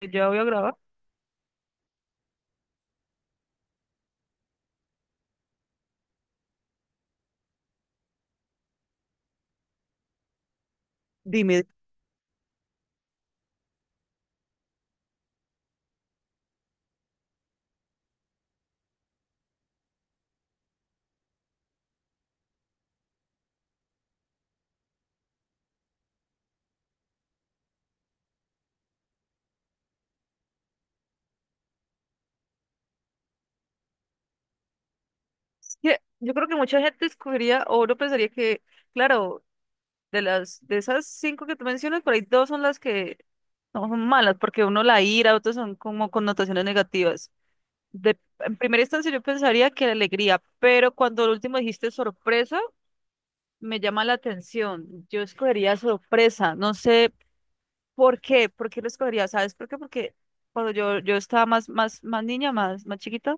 Yo había grabado. Dime. Es que yo creo que mucha gente escogería o uno pensaría que, claro, de esas cinco que tú mencionas, por ahí dos son las que no son malas, porque uno la ira, otros son como connotaciones negativas. De, en primera instancia yo pensaría que la alegría, pero cuando el último dijiste sorpresa, me llama la atención. Yo escogería sorpresa, no sé por qué lo escogería, ¿sabes por qué? Porque cuando yo estaba más, más, más niña, más, más chiquita.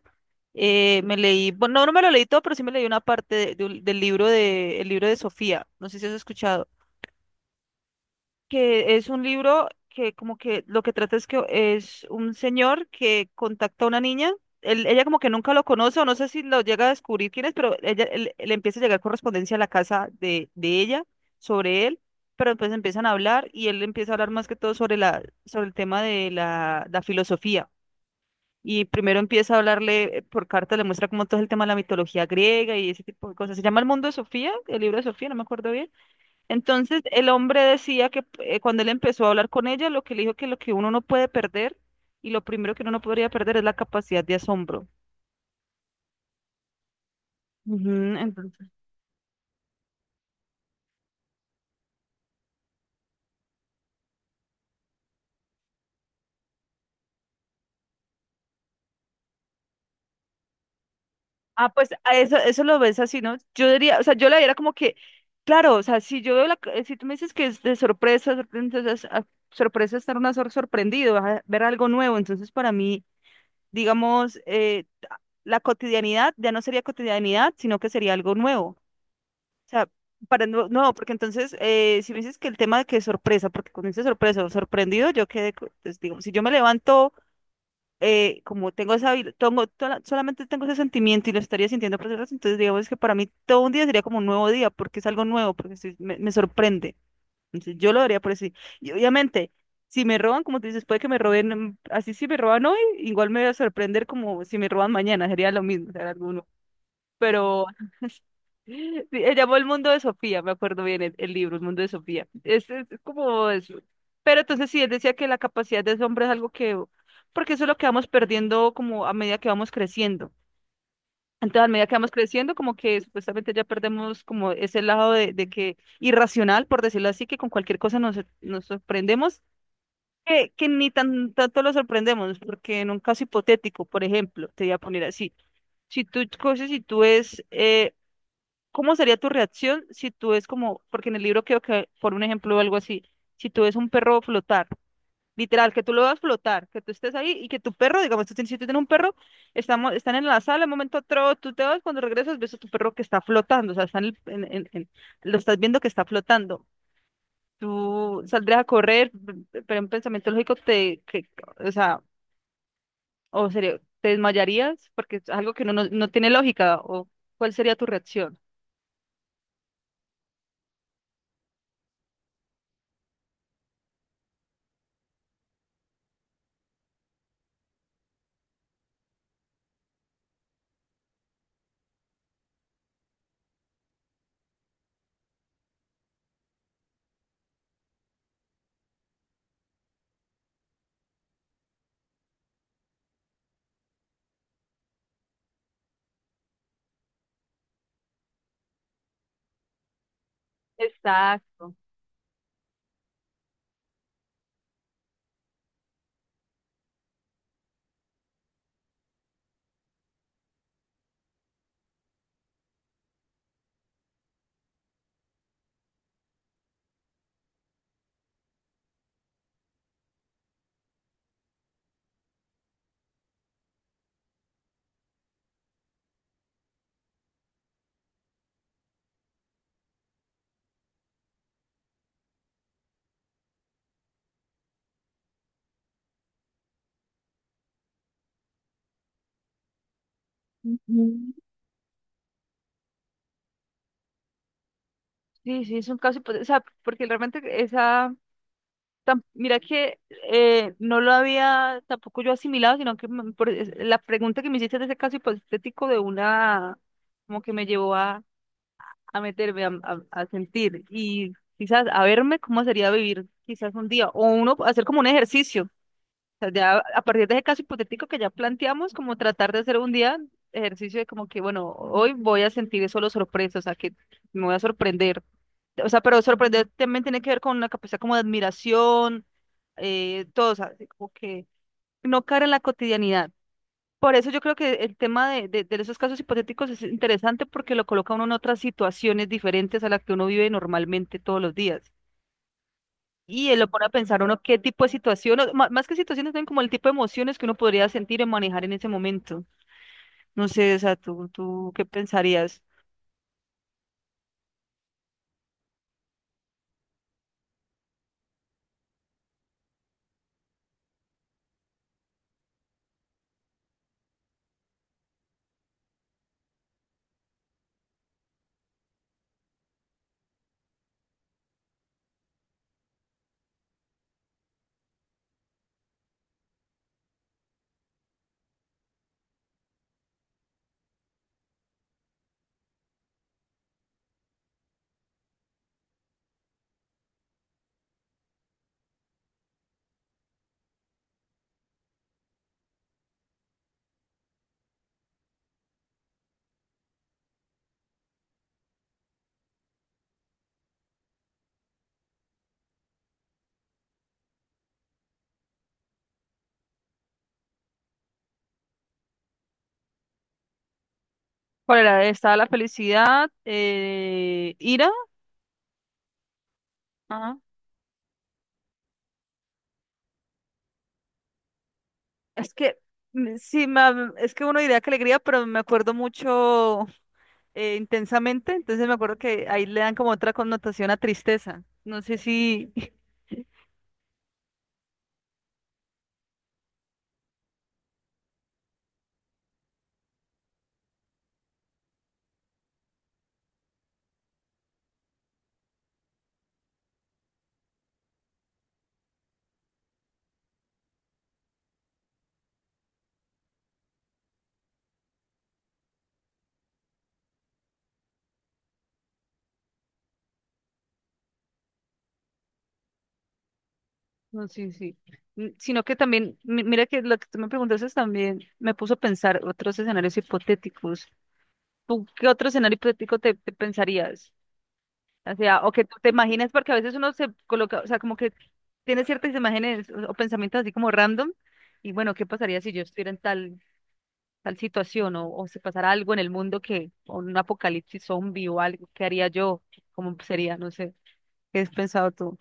Me leí, bueno, no, no me lo leí todo, pero sí me leí una parte del libro de, el libro de Sofía, no sé si has escuchado, que es un libro que como que lo que trata es que es un señor que contacta a una niña, ella como que nunca lo conoce o no sé si lo llega a descubrir quién es, pero ella, le empieza a llegar correspondencia a la casa de ella sobre él, pero después empiezan a hablar y él empieza a hablar más que todo sobre la, sobre el tema de la filosofía y primero empieza a hablarle por carta, le muestra como todo el tema de la mitología griega y ese tipo de cosas. Se llama El Mundo de Sofía, el libro de Sofía, no me acuerdo bien. Entonces, el hombre decía que cuando él empezó a hablar con ella, lo que le dijo que lo que uno no puede perder y lo primero que uno no podría perder es la capacidad de asombro. Ujú, entonces. Ah, pues a eso, eso lo ves así, ¿no? Yo diría, o sea, yo la era como que, claro, o sea, si yo veo la, si tú me dices que es de sorpresa, entonces, ah, sorpresa es estar una sorprendido, ah, ver algo nuevo, entonces para mí digamos, la cotidianidad ya no sería cotidianidad, sino que sería algo nuevo. O sea, para no, no, porque entonces, si me dices que el tema de que es sorpresa, porque cuando dices sorpresa o sorprendido, yo quedé, pues, digamos, si yo me levanto, como tengo esa, tengo, solamente tengo ese sentimiento y lo estaría sintiendo por horas, entonces digamos que para mí todo un día sería como un nuevo día, porque es algo nuevo, porque me sorprende. Entonces, yo lo daría por así. Y obviamente, si me roban, como tú dices, puede que me roben, así si me roban hoy, igual me voy a sorprender como si me roban mañana, sería lo mismo, será alguno. Pero sí, se llamó El Mundo de Sofía, me acuerdo bien el libro, El Mundo de Sofía. Es como eso. Pero entonces sí, él decía que la capacidad de asombro es algo que, porque eso es lo que vamos perdiendo como a medida que vamos creciendo. Entonces, a medida que vamos creciendo, como que supuestamente ya perdemos como ese lado de que irracional, por decirlo así, que con cualquier cosa nos, nos sorprendemos que ni tan, tanto lo sorprendemos, porque en un caso hipotético, por ejemplo, te voy a poner así, si tú coges y tú es, ¿cómo sería tu reacción si tú es como, porque en el libro creo que, por un ejemplo o algo así, si tú ves un perro flotar, literal, que tú lo veas flotar, que tú estés ahí y que tu perro, digamos, tú tienes, si tú tienes un perro, estamos, están en la sala, un momento otro, tú te vas, cuando regresas ves a tu perro que está flotando, o sea, está en el- en- lo estás viendo que está flotando, tú saldrías a correr, pero un pensamiento lógico te, que, o sea, o sería, te desmayarías porque es algo que no, no, no tiene lógica, o cuál sería tu reacción. Exacto. Ujú. Sí, sí, es un caso, hipotético, o sea, porque realmente esa, mira que no lo había tampoco yo asimilado, sino que la pregunta que me hiciste de ese caso hipotético de una, como que me llevó a meterme, a sentir y quizás a verme cómo sería vivir quizás un día o uno hacer como un ejercicio. O sea, ya a partir de ese caso hipotético que ya planteamos, como tratar de hacer un día ejercicio de como que, bueno, hoy voy a sentir solo sorpresa, o sea, que me voy a sorprender. O sea, pero sorprender también tiene que ver con una capacidad como de admiración, todo, o sea, como que no caer en la cotidianidad, por eso yo creo que el tema de esos casos hipotéticos es interesante porque lo coloca uno en otras situaciones diferentes a las que uno vive normalmente todos los días. Y él lo pone a pensar uno qué tipo de situación, o más que situaciones, también como el tipo de emociones que uno podría sentir y manejar en ese momento. No sé, o sea, ¿tú qué pensarías? ¿Cuál era? ¿Estaba la felicidad? ¿Ira? Ajá. Es que sí, es que uno diría que alegría, pero me acuerdo mucho intensamente, entonces me acuerdo que ahí le dan como otra connotación a tristeza. No sé si, no sé si, sino que también, mira que lo que tú me preguntaste también me puso a pensar otros escenarios hipotéticos. ¿Tú qué otro escenario hipotético te pensarías? O sea, o que tú te imaginas, porque a veces uno se coloca, o sea, como que tiene ciertas imágenes o pensamientos así como random, y bueno, ¿qué pasaría si yo estuviera en tal situación o si pasara algo en el mundo que, o un apocalipsis zombie o algo, ¿qué haría yo? ¿Cómo sería? No sé, ¿qué has pensado tú?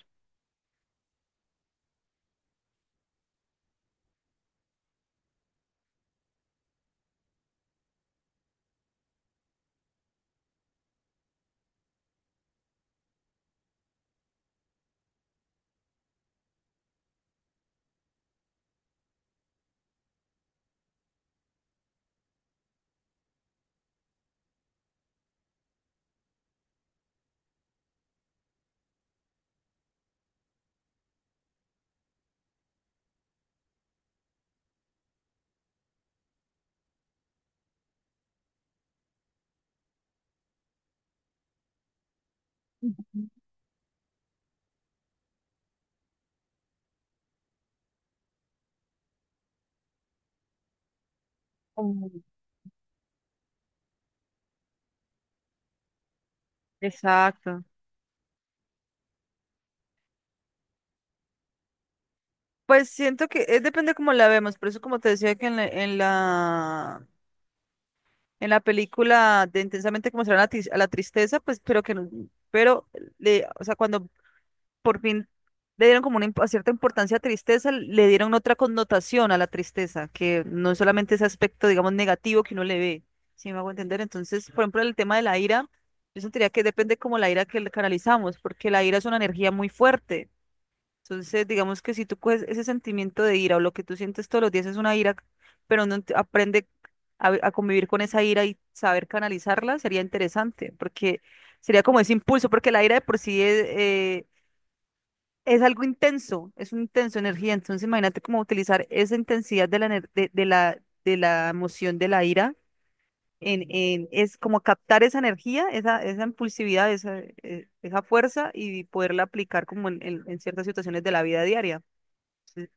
Mm, exacto. Pues siento que es depende cómo la vemos, por eso como te decía que en la película de Intensamente como será la, la tristeza, pues pero que no, pero le, o sea, cuando por fin le dieron como una cierta importancia a tristeza, le dieron otra connotación a la tristeza, que no es solamente ese aspecto, digamos, negativo que uno le ve, si me hago entender. Entonces, por ejemplo, el tema de la ira, yo sentiría que depende como la ira que le canalizamos, porque la ira es una energía muy fuerte. Entonces, digamos que si tú coges ese sentimiento de ira o lo que tú sientes todos los días es una ira, pero no aprende a convivir con esa ira y saber canalizarla, sería interesante, porque sería como ese impulso, porque la ira de por sí es algo intenso, es una intensa energía. Entonces, imagínate cómo utilizar esa intensidad de la, de la emoción de la ira en, es como captar esa energía, esa impulsividad, esa, esa fuerza y poderla aplicar como en, en ciertas situaciones de la vida diaria. Sí,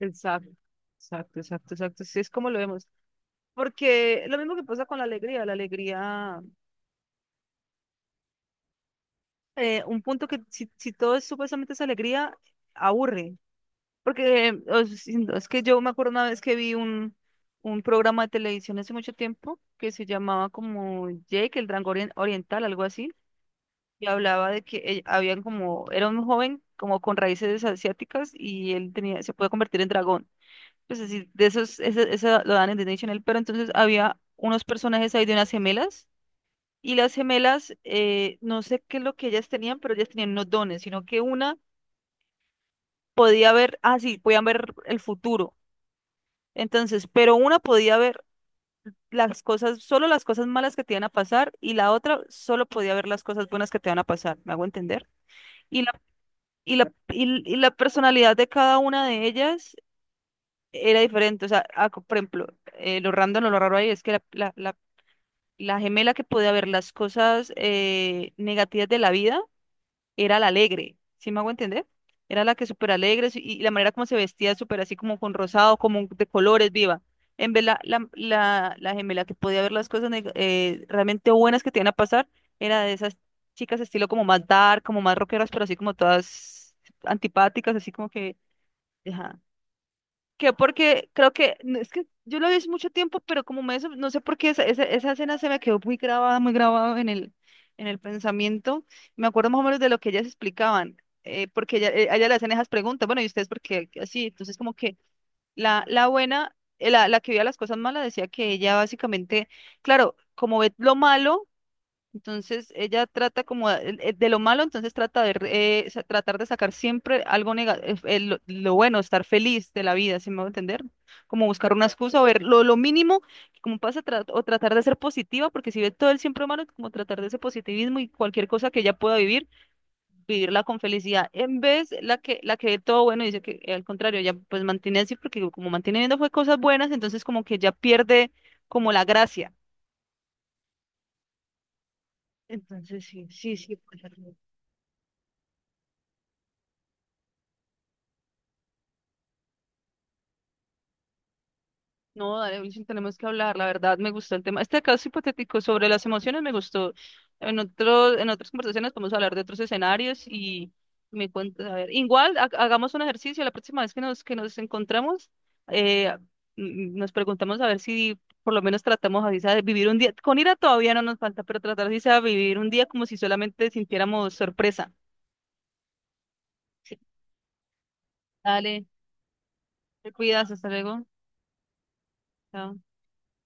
exacto, exacto, exacto, exacto. Sí, es como lo vemos. Porque lo mismo que pasa con la alegría, un punto que si, si todo es supuestamente es alegría, aburre. Porque o si no, es que yo me acuerdo una vez que vi un programa de televisión hace mucho tiempo que se llamaba como Jake, el Dragón Oriental, algo así, y hablaba de que habían como, era un joven como con raíces asiáticas y él tenía, se puede convertir en dragón. Pues así, de esos, ese lo dan en Disney Channel, pero entonces había unos personajes ahí de unas gemelas, y las gemelas, no sé qué es lo que ellas tenían, pero ellas tenían unos dones, sino que una podía ver, ah, sí, podían ver el futuro. Entonces, pero una podía ver las cosas, solo las cosas malas que te iban a pasar y la otra solo podía ver las cosas buenas que te van a pasar, ¿me hago entender? Y la, y la personalidad de cada una de ellas era diferente, o sea, ah, por ejemplo, lo random o lo raro ahí es que la gemela que podía ver las cosas negativas de la vida, era la alegre, ¿sí me hago entender? Era la que súper alegre sí, y la manera como se vestía súper así como con rosado, como de colores viva. En vez la gemela que podía ver las cosas realmente buenas que te iban a pasar, era de esas chicas estilo como más dark, como más rockeras, pero así como todas antipáticas, así como que, ajá, que porque creo que, no, es que yo lo vi hace mucho tiempo, pero como me, no sé por qué esa escena se me quedó muy grabada en el pensamiento. Me acuerdo más o menos de lo que ellas explicaban, porque ella, a ella le hacen esas preguntas, bueno, ¿y ustedes por qué así? Entonces como que la buena, la que veía las cosas malas decía que ella básicamente, claro, como ve lo malo. Entonces ella trata como de lo malo, entonces trata de tratar de sacar siempre algo negativo, lo bueno, estar feliz de la vida, si me va a entender. Como buscar una excusa o ver lo mínimo, como pasa, o tratar de ser positiva, porque si ve todo el siempre malo, como tratar de ese positivismo y cualquier cosa que ella pueda vivir, vivirla con felicidad. En vez la que ve todo bueno, dice que al contrario, ella pues mantiene así, porque como mantiene viendo fue cosas buenas, entonces como que ya pierde como la gracia. Entonces sí, sí, sí, puede ser. No, dale, Wilson, tenemos que hablar. La verdad, me gustó el tema. Este caso hipotético sobre las emociones me gustó. En otro, en otras conversaciones podemos hablar de otros escenarios y me cuentas. A ver, igual hagamos un ejercicio. La próxima vez que nos encontramos, eh, nos preguntamos a ver si por lo menos tratamos así sea de vivir un día. Con ira todavía no nos falta, pero tratar así sea de vivir un día como si solamente sintiéramos sorpresa. Sí. Dale, te cuidas, hasta luego. Chao.